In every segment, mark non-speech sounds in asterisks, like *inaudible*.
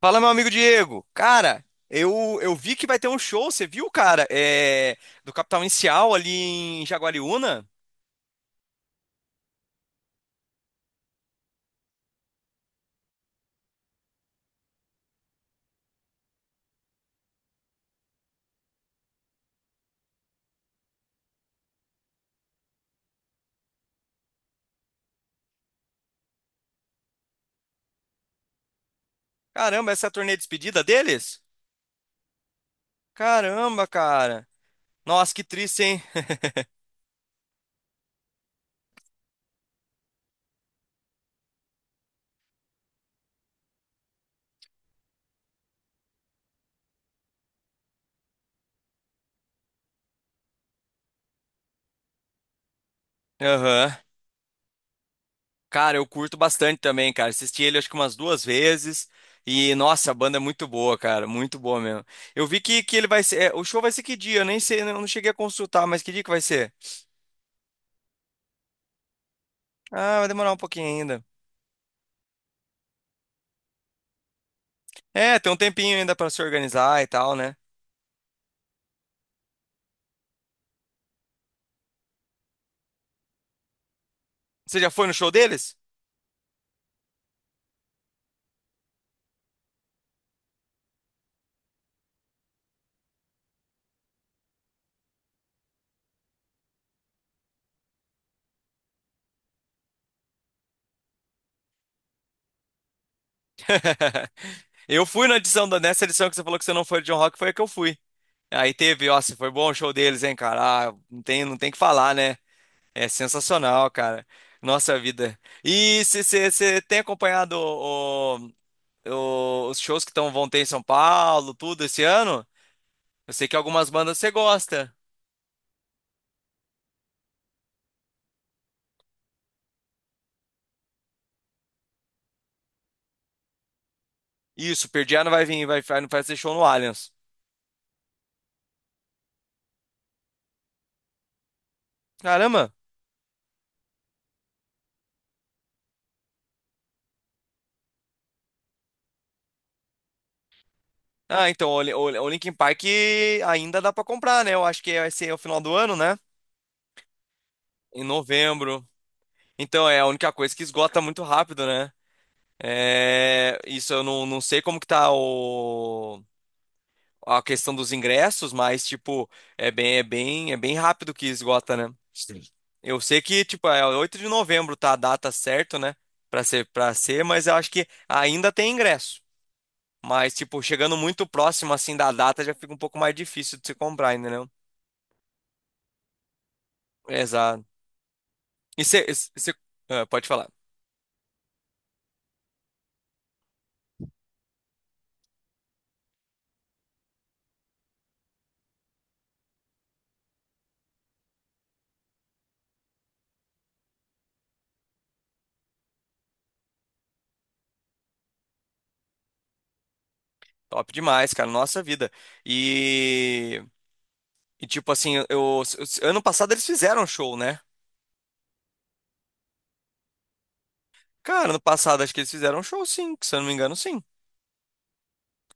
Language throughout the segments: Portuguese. Fala, meu amigo Diego. Cara, eu vi que vai ter um show, você viu, cara? Do Capital Inicial ali em Jaguariúna? Caramba, essa é a turnê de despedida deles? Caramba, cara. Nossa, que triste, hein? *laughs* Aham. Cara, eu curto bastante também, cara. Assisti ele acho que umas duas vezes. E, nossa, a banda é muito boa, cara. Muito boa mesmo. Eu vi que ele vai ser. O show vai ser que dia? Eu nem sei, eu não cheguei a consultar, mas que dia que vai ser? Ah, vai demorar um pouquinho ainda. É, tem um tempinho ainda pra se organizar e tal, né? Você já foi no show deles? *laughs* Eu fui na edição nessa edição que você falou que você não foi de John Rock, foi a que eu fui. Aí teve, ó, se foi bom o show deles, hein, cara? Ah, não tem, não tem que falar, né? É sensacional, cara. Nossa vida. E você tem acompanhado os shows que vão ter em São Paulo, tudo esse ano? Eu sei que algumas bandas você gosta. Isso, Pearl Jam vai vir, vai fazer show no Allianz. Caramba! Ah, então, o Linkin Park ainda dá pra comprar, né? Eu acho que vai ser o final do ano, né? Em novembro. Então, é a única coisa que esgota muito rápido, né? É, isso eu não sei como que tá a questão dos ingressos, mas, tipo, é bem rápido que esgota, né? Sim. Eu sei que, tipo, é 8 de novembro, tá a data certa, né? Pra ser, mas eu acho que ainda tem ingresso. Mas, tipo, chegando muito próximo, assim, da data, já fica um pouco mais difícil de se comprar, ainda. Exato. E você pode falar. Top demais, cara. Nossa vida. E, e tipo assim, ano passado eles fizeram show, né? Cara, ano passado acho que eles fizeram show, sim. Se eu não me engano, sim.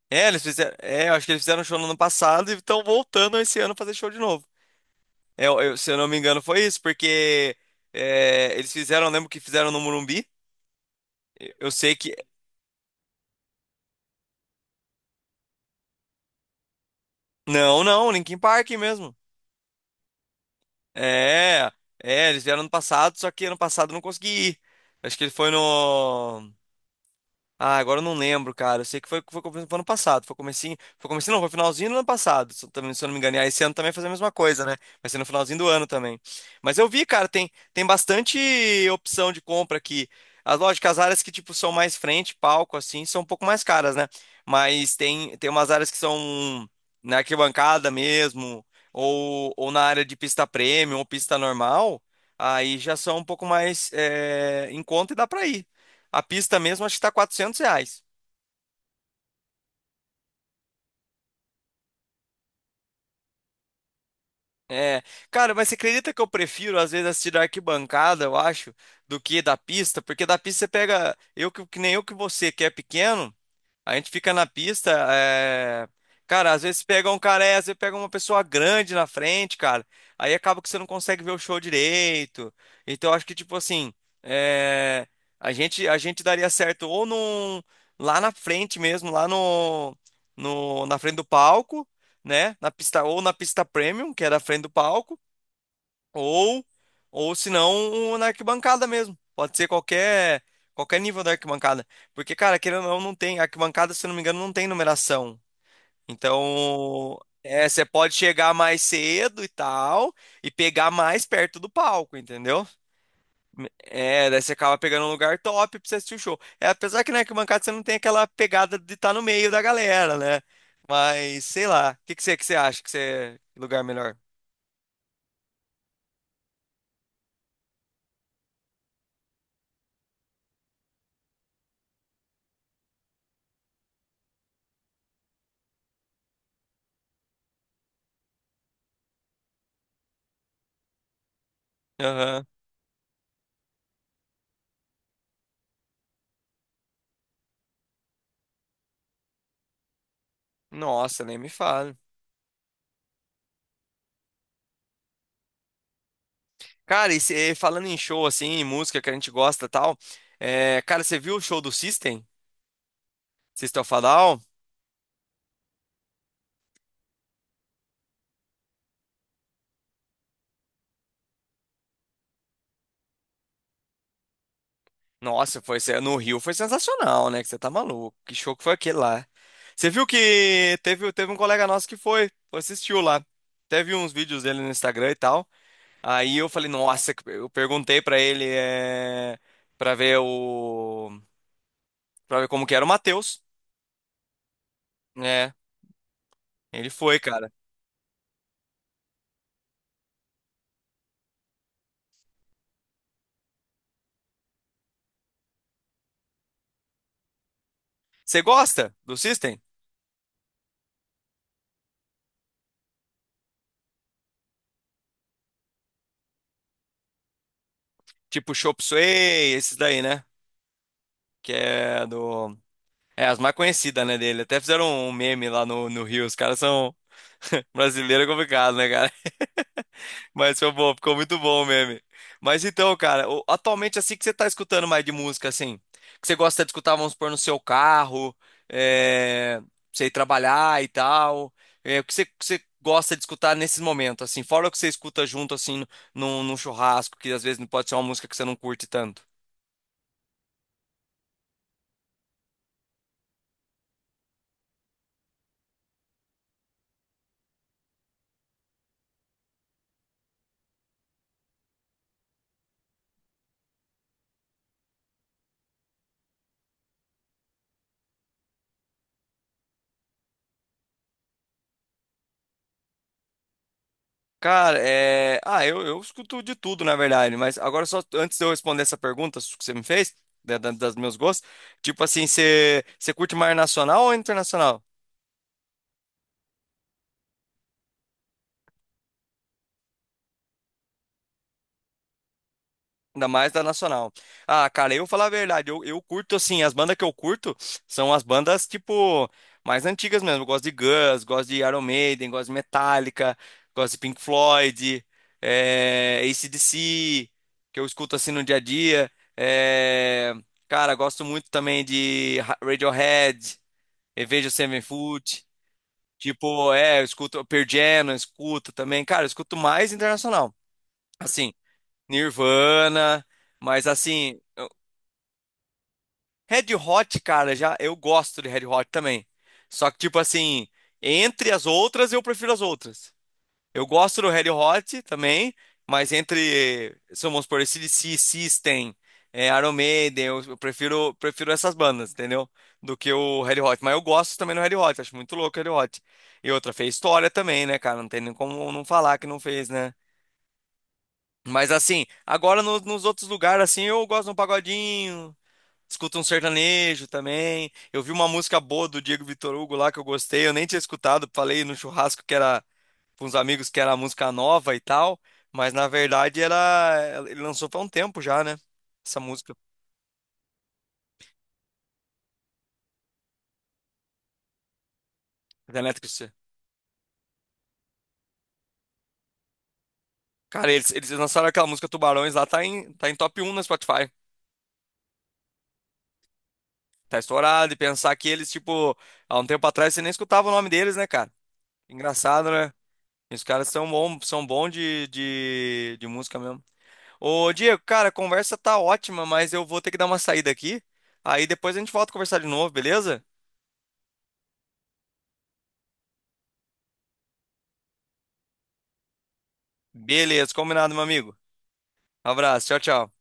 É, eles fizeram. É, eu acho que eles fizeram show no ano passado e estão voltando esse ano fazer show de novo. É, se eu não me engano, foi isso, porque eles fizeram, eu lembro que fizeram no Morumbi. Eu sei que. Não, não, Linkin Park mesmo. É, é, eles vieram ano passado, só que ano passado eu não consegui ir. Acho que ele foi no. Ah, agora eu não lembro, cara. Eu sei que foi ano passado. Foi comecinho. Foi comecinho, não, foi finalzinho do ano passado. Se eu não me enganar, esse ano também vai fazer a mesma coisa, né? Vai ser no finalzinho do ano também. Mas eu vi, cara, tem bastante opção de compra aqui. As lógicas, as áreas que, tipo, são mais frente, palco, assim, são um pouco mais caras, né? Mas tem umas áreas que são na arquibancada mesmo, ou na área de pista premium ou pista normal. Aí já são um pouco mais em conta e dá pra ir. A pista mesmo acho que tá 400 reais. É, cara, mas você acredita que eu prefiro às vezes assistir da arquibancada, eu acho, do que da pista? Porque da pista você pega, eu que nem eu que você, que é pequeno. A gente fica na pista, é... cara, às vezes pega um cara, às vezes pega uma pessoa grande na frente, cara. Aí acaba que você não consegue ver o show direito. Então eu acho que tipo assim, é, a gente daria certo ou num... lá na frente mesmo, lá no... no na frente do palco, né? Na pista ou na pista premium, que é da frente do palco. Ou, ou se não, um na arquibancada mesmo. Pode ser qualquer nível da arquibancada. Porque, cara, querendo ou não, não tem. Arquibancada, se eu não me engano, não tem numeração. Então, você pode chegar mais cedo e tal, e pegar mais perto do palco, entendeu? É, daí você acaba pegando um lugar top pra você assistir o show. É, apesar que na arquibancada você não tem aquela pegada de estar no meio da galera, né? Mas, sei lá. O que que você acha que você. Lugar melhor? Aham. Nossa, nem me fala. Cara, falando em show, assim, em música que a gente gosta e tal, cara, você viu o show do System? System of a Down? Nossa, no Rio foi sensacional, né? Que você tá maluco. Que show que foi aquele lá. Você viu que teve um colega nosso que foi assistiu lá. Teve uns vídeos dele no Instagram e tal. Aí eu falei, nossa, eu perguntei pra ele. pra ver o, Pra ver como que era o Matheus. É, ele foi, cara. Você gosta do System? Tipo Chop Suey, esses daí, né? Que é do. É, as mais conhecidas, né, dele. Até fizeram um meme lá no Rio. Os caras são. *laughs* Brasileiro é complicado, né, cara? *laughs* Mas foi bom, ficou muito bom o meme. Mas então, cara, atualmente assim que você tá escutando mais de música, assim, que você gosta de escutar, vamos supor, no seu carro, pra você ir trabalhar e tal, que você gosta de escutar nesses momentos, assim, fora o que você escuta junto, assim, num churrasco, que às vezes não pode ser uma música que você não curte tanto. Cara, ah, eu escuto de tudo, na verdade, mas agora só antes de eu responder essa pergunta que você me fez, das meus gostos, tipo assim, você curte mais nacional ou internacional? Ainda mais da Nacional. Ah, cara, eu vou falar a verdade. Eu curto, assim, as bandas que eu curto são as bandas, tipo, mais antigas mesmo. Eu gosto de Guns, gosto de Iron Maiden, gosto de Metallica, gosto de Pink Floyd, AC/DC, que eu escuto, assim, no dia a dia. É, cara, gosto muito também de Radiohead, Avenged Sevenfold. Tipo, eu escuto Pearl Jam, eu escuto também. Cara, eu escuto mais internacional. Assim. Nirvana, mas assim, Red Hot, cara, já eu gosto de Red Hot também. Só que tipo assim, entre as outras eu prefiro as outras. Eu gosto do Red Hot também, mas entre, se vamos supor, AC/DC, System, Iron Maiden, eu prefiro essas bandas, entendeu? Do que o Red Hot, mas eu gosto também do Red Hot, acho muito louco o Red Hot. E outra fez história também, né, cara? Não tem nem como não falar que não fez, né? Mas assim, agora nos outros lugares, assim, eu gosto de um pagodinho, escuto um sertanejo também. Eu vi uma música boa do Diego Vitor Hugo lá que eu gostei, eu nem tinha escutado, falei no churrasco que era com uns amigos que era a música nova e tal, mas na verdade era. Ele lançou faz um tempo já, né? Essa música, The Electric City. Cara, eles lançaram aquela música Tubarões lá, tá em top 1 na Spotify. Tá estourado, e pensar que eles, tipo, há um tempo atrás você nem escutava o nome deles, né, cara? Engraçado, né? E os caras são bom de música mesmo. Ô, Diego, cara, a conversa tá ótima, mas eu vou ter que dar uma saída aqui. Aí depois a gente volta a conversar de novo, beleza? Beleza, combinado, meu amigo. Abraço, tchau, tchau.